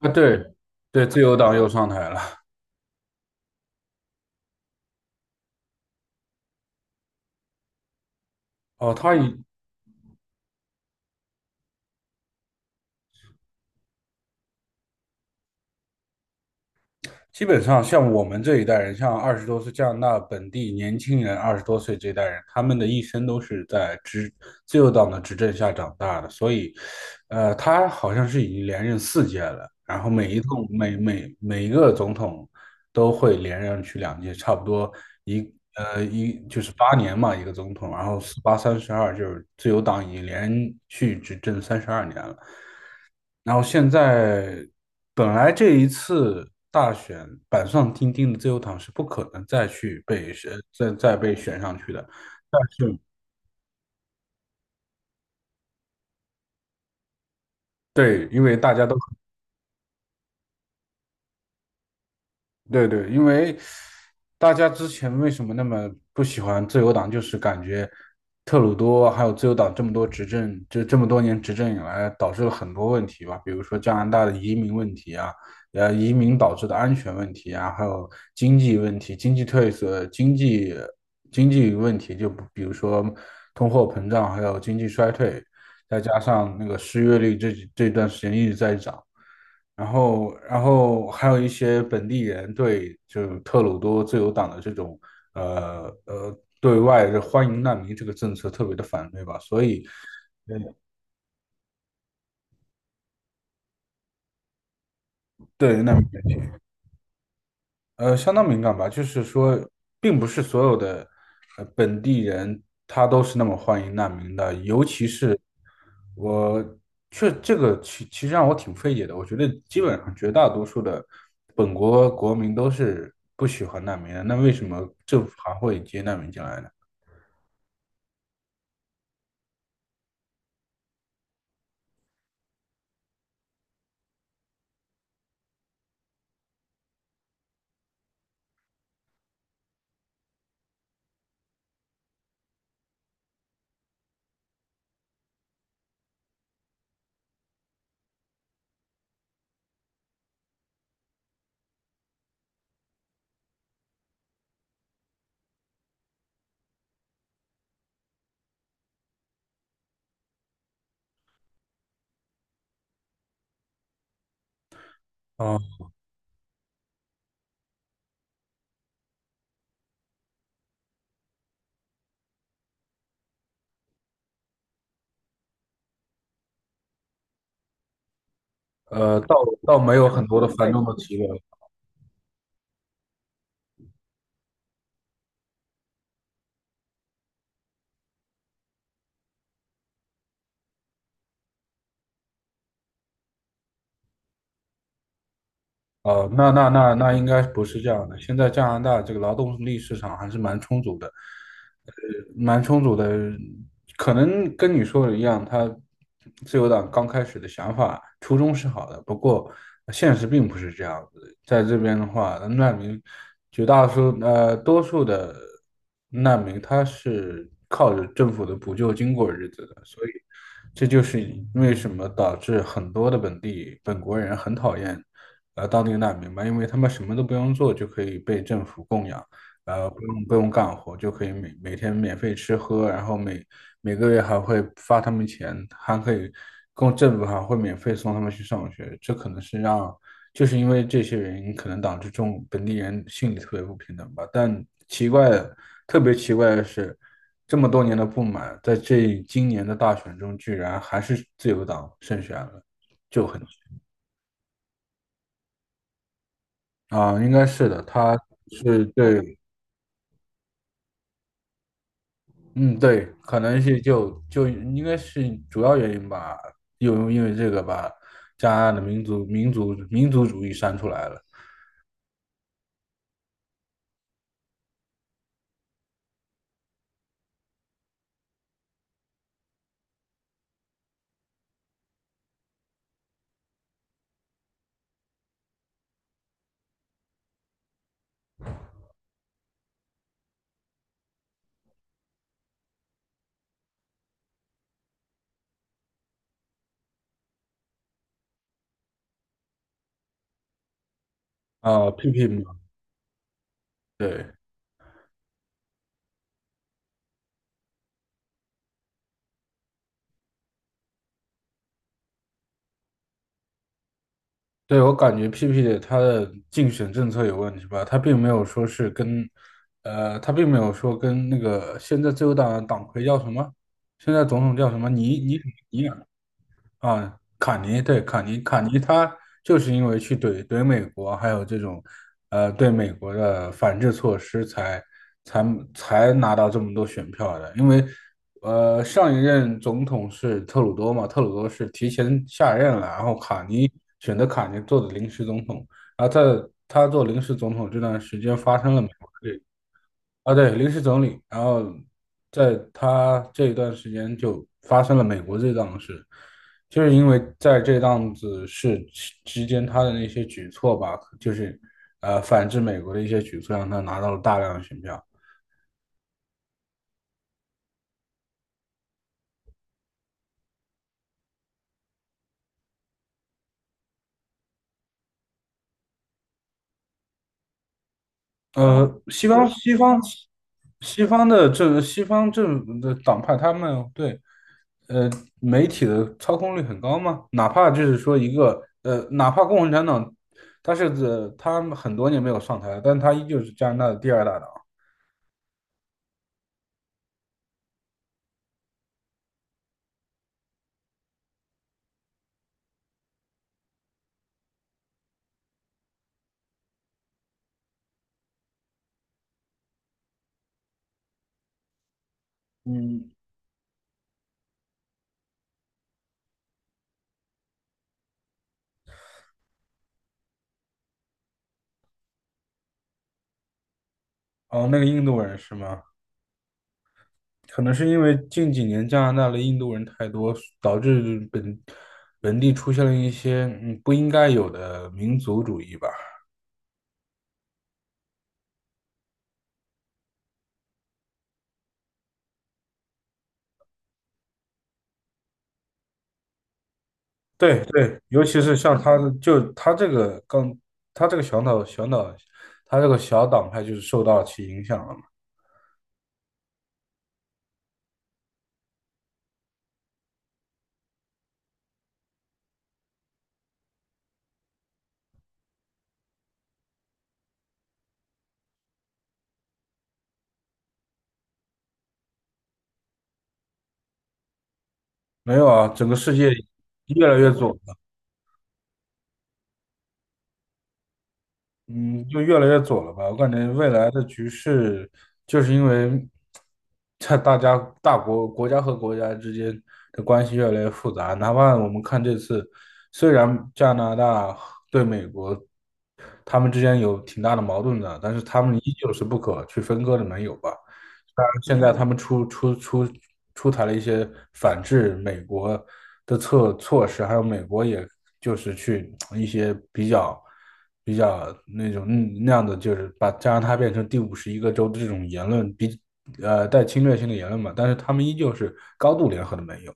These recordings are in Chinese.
啊，对对，自由党又上台了。哦，基本上像我们这一代人，像二十多岁加拿大本地年轻人，二十多岁这一代人，他们的一生都是在自由党的执政下长大的。所以，他好像是已经连任4届了，然后每一共每每每一个总统都会连任去2届，差不多一就是8年嘛，一个总统，然后四八三十二，就是自由党已经连续执政32年了。然后现在本来这一次大选板上钉钉的自由党是不可能再去被选，再再被选上去的，但是对，因为大家都。对对，因为大家之前为什么那么不喜欢自由党，就是感觉特鲁多还有自由党这么多执政，就这么多年执政以来，导致了很多问题吧，比如说加拿大的移民问题啊，移民导致的安全问题啊，还有经济问题、经济退色、经济问题，就不比如说通货膨胀，还有经济衰退，再加上那个失业率这段时间一直在涨。然后还有一些本地人对就特鲁多自由党的这种对外的欢迎难民这个政策特别的反对吧，所以对难民。相当敏感吧，就是说，并不是所有的本地人他都是那么欢迎难民的，尤其是我确这个其其实让我挺费解的。我觉得基本上绝大多数的本国国民都是不喜欢难民的，那为什么政府还会接难民进来呢？哦，呃，倒倒没有很多的繁重的提问。哦，那应该不是这样的。现在加拿大这个劳动力市场还是蛮充足的，蛮充足的。可能跟你说的一样，自由党刚开始的想法初衷是好的，不过现实并不是这样子的。在这边的话，难民绝大多数呃多数的难民他是靠着政府的补救金过日子的，所以这就是为什么导致很多的本国人很讨厌。当地难民吧，因为他们什么都不用做就可以被政府供养，不用干活就可以每天免费吃喝，然后每个月还会发他们钱，还可以政府还会免费送他们去上学，这可能是就是因为这些原因，可能导致本地人心里特别不平等吧。但奇怪的，特别奇怪的是，这么多年的不满，在今年的大选中，居然还是自由党胜选了，就很。啊，应该是的，他是对，嗯，对，可能是就应该是主要原因吧，又因为这个把加拿大的民族主义删出来了啊，PP 嘛，对对，我感觉 PP 的他的竞选政策有问题吧，他并没有说跟那个现在自由党党魁叫什么，现在总统叫什么啊，卡尼对卡尼，卡尼他就是因为去怼美国，还有这种，对美国的反制措施才，才才拿到这么多选票的。因为，上一任总统是特鲁多嘛，特鲁多是提前下任了，然后选择卡尼做的临时总统，然后在他做临时总统这段时间发生了美国。啊，对，临时总理。然后在他这一段时间就发生了美国这档事，就是因为在这档子事之间，他的那些举措吧，就是反制美国的一些举措，让他拿到了大量的选票。呃，西方西方西方政府的党派，他们对呃，媒体的操控率很高吗？哪怕就是说一个呃，哪怕共产党，他很多年没有上台了，但他依旧是加拿大的第二大党。嗯，哦，那个印度人是吗？可能是因为近几年加拿大的印度人太多，导致本地出现了一些不应该有的民族主义吧。对对，尤其是像他的，就他这个刚，他这个小岛，他这个小党派就是受到其影响了。没有啊，整个世界越来越左了，嗯，就越来越左了吧？我感觉未来的局势就是因为在大家大国国家和国家之间的关系越来越复杂。哪怕我们看这次，虽然加拿大对美国他们之间有挺大的矛盾的，但是他们依旧是不可去分割的盟友吧？现在他们出台了一些反制美国的措施，还有美国也就是去一些比较那种那样的，就是把加拿大变成第51个州的这种言论比呃带侵略性的言论嘛，但是他们依旧是高度联合的盟友。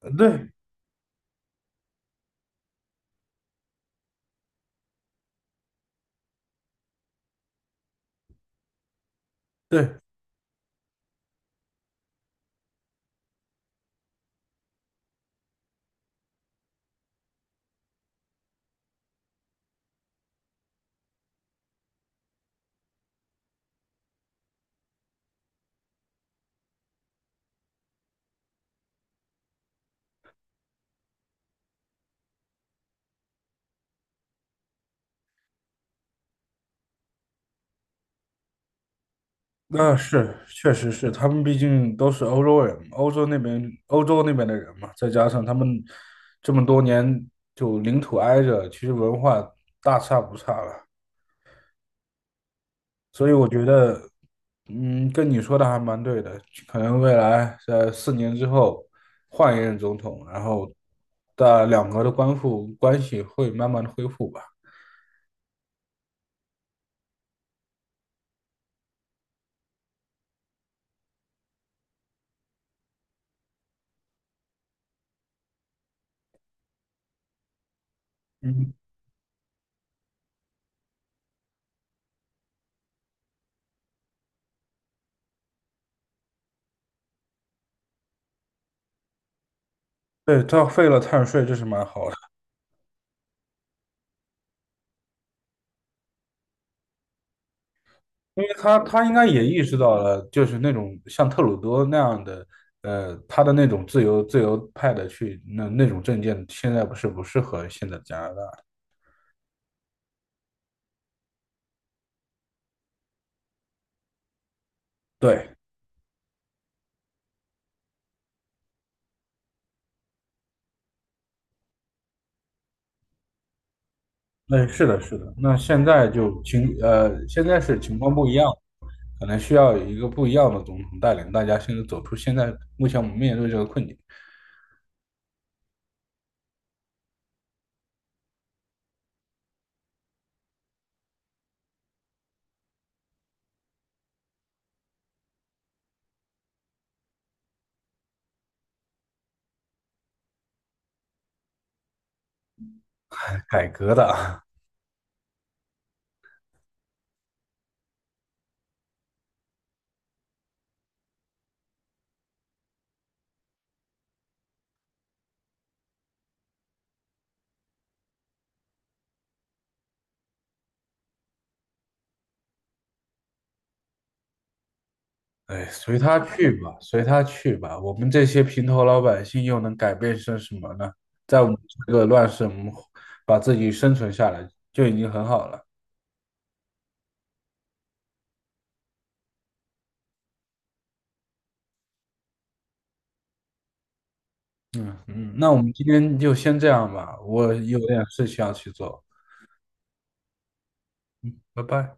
对对，那是，确实是，他们毕竟都是欧洲人，欧洲那边的人嘛，再加上他们这么多年就领土挨着，其实文化大差不差了，所以我觉得，嗯，跟你说的还蛮对的，可能未来在4年之后换一任总统，然后的两国的关系会慢慢的恢复吧。嗯，对，他废了碳税，这是蛮好的。因为他应该也意识到了，就是那种像特鲁多那样的，他的那种自由派的那种政见，现在不是不适合现在加拿大。对，那是的，是的。那现在是情况不一样，可能需要一个不一样的总统带领大家，现在走出目前我们面对这个困境，改革的。哎，随他去吧，随他去吧。我们这些平头老百姓又能改变些什么呢？在我们这个乱世，我们把自己生存下来就已经很好了。嗯嗯，那我们今天就先这样吧，我有点事情要去做，拜拜。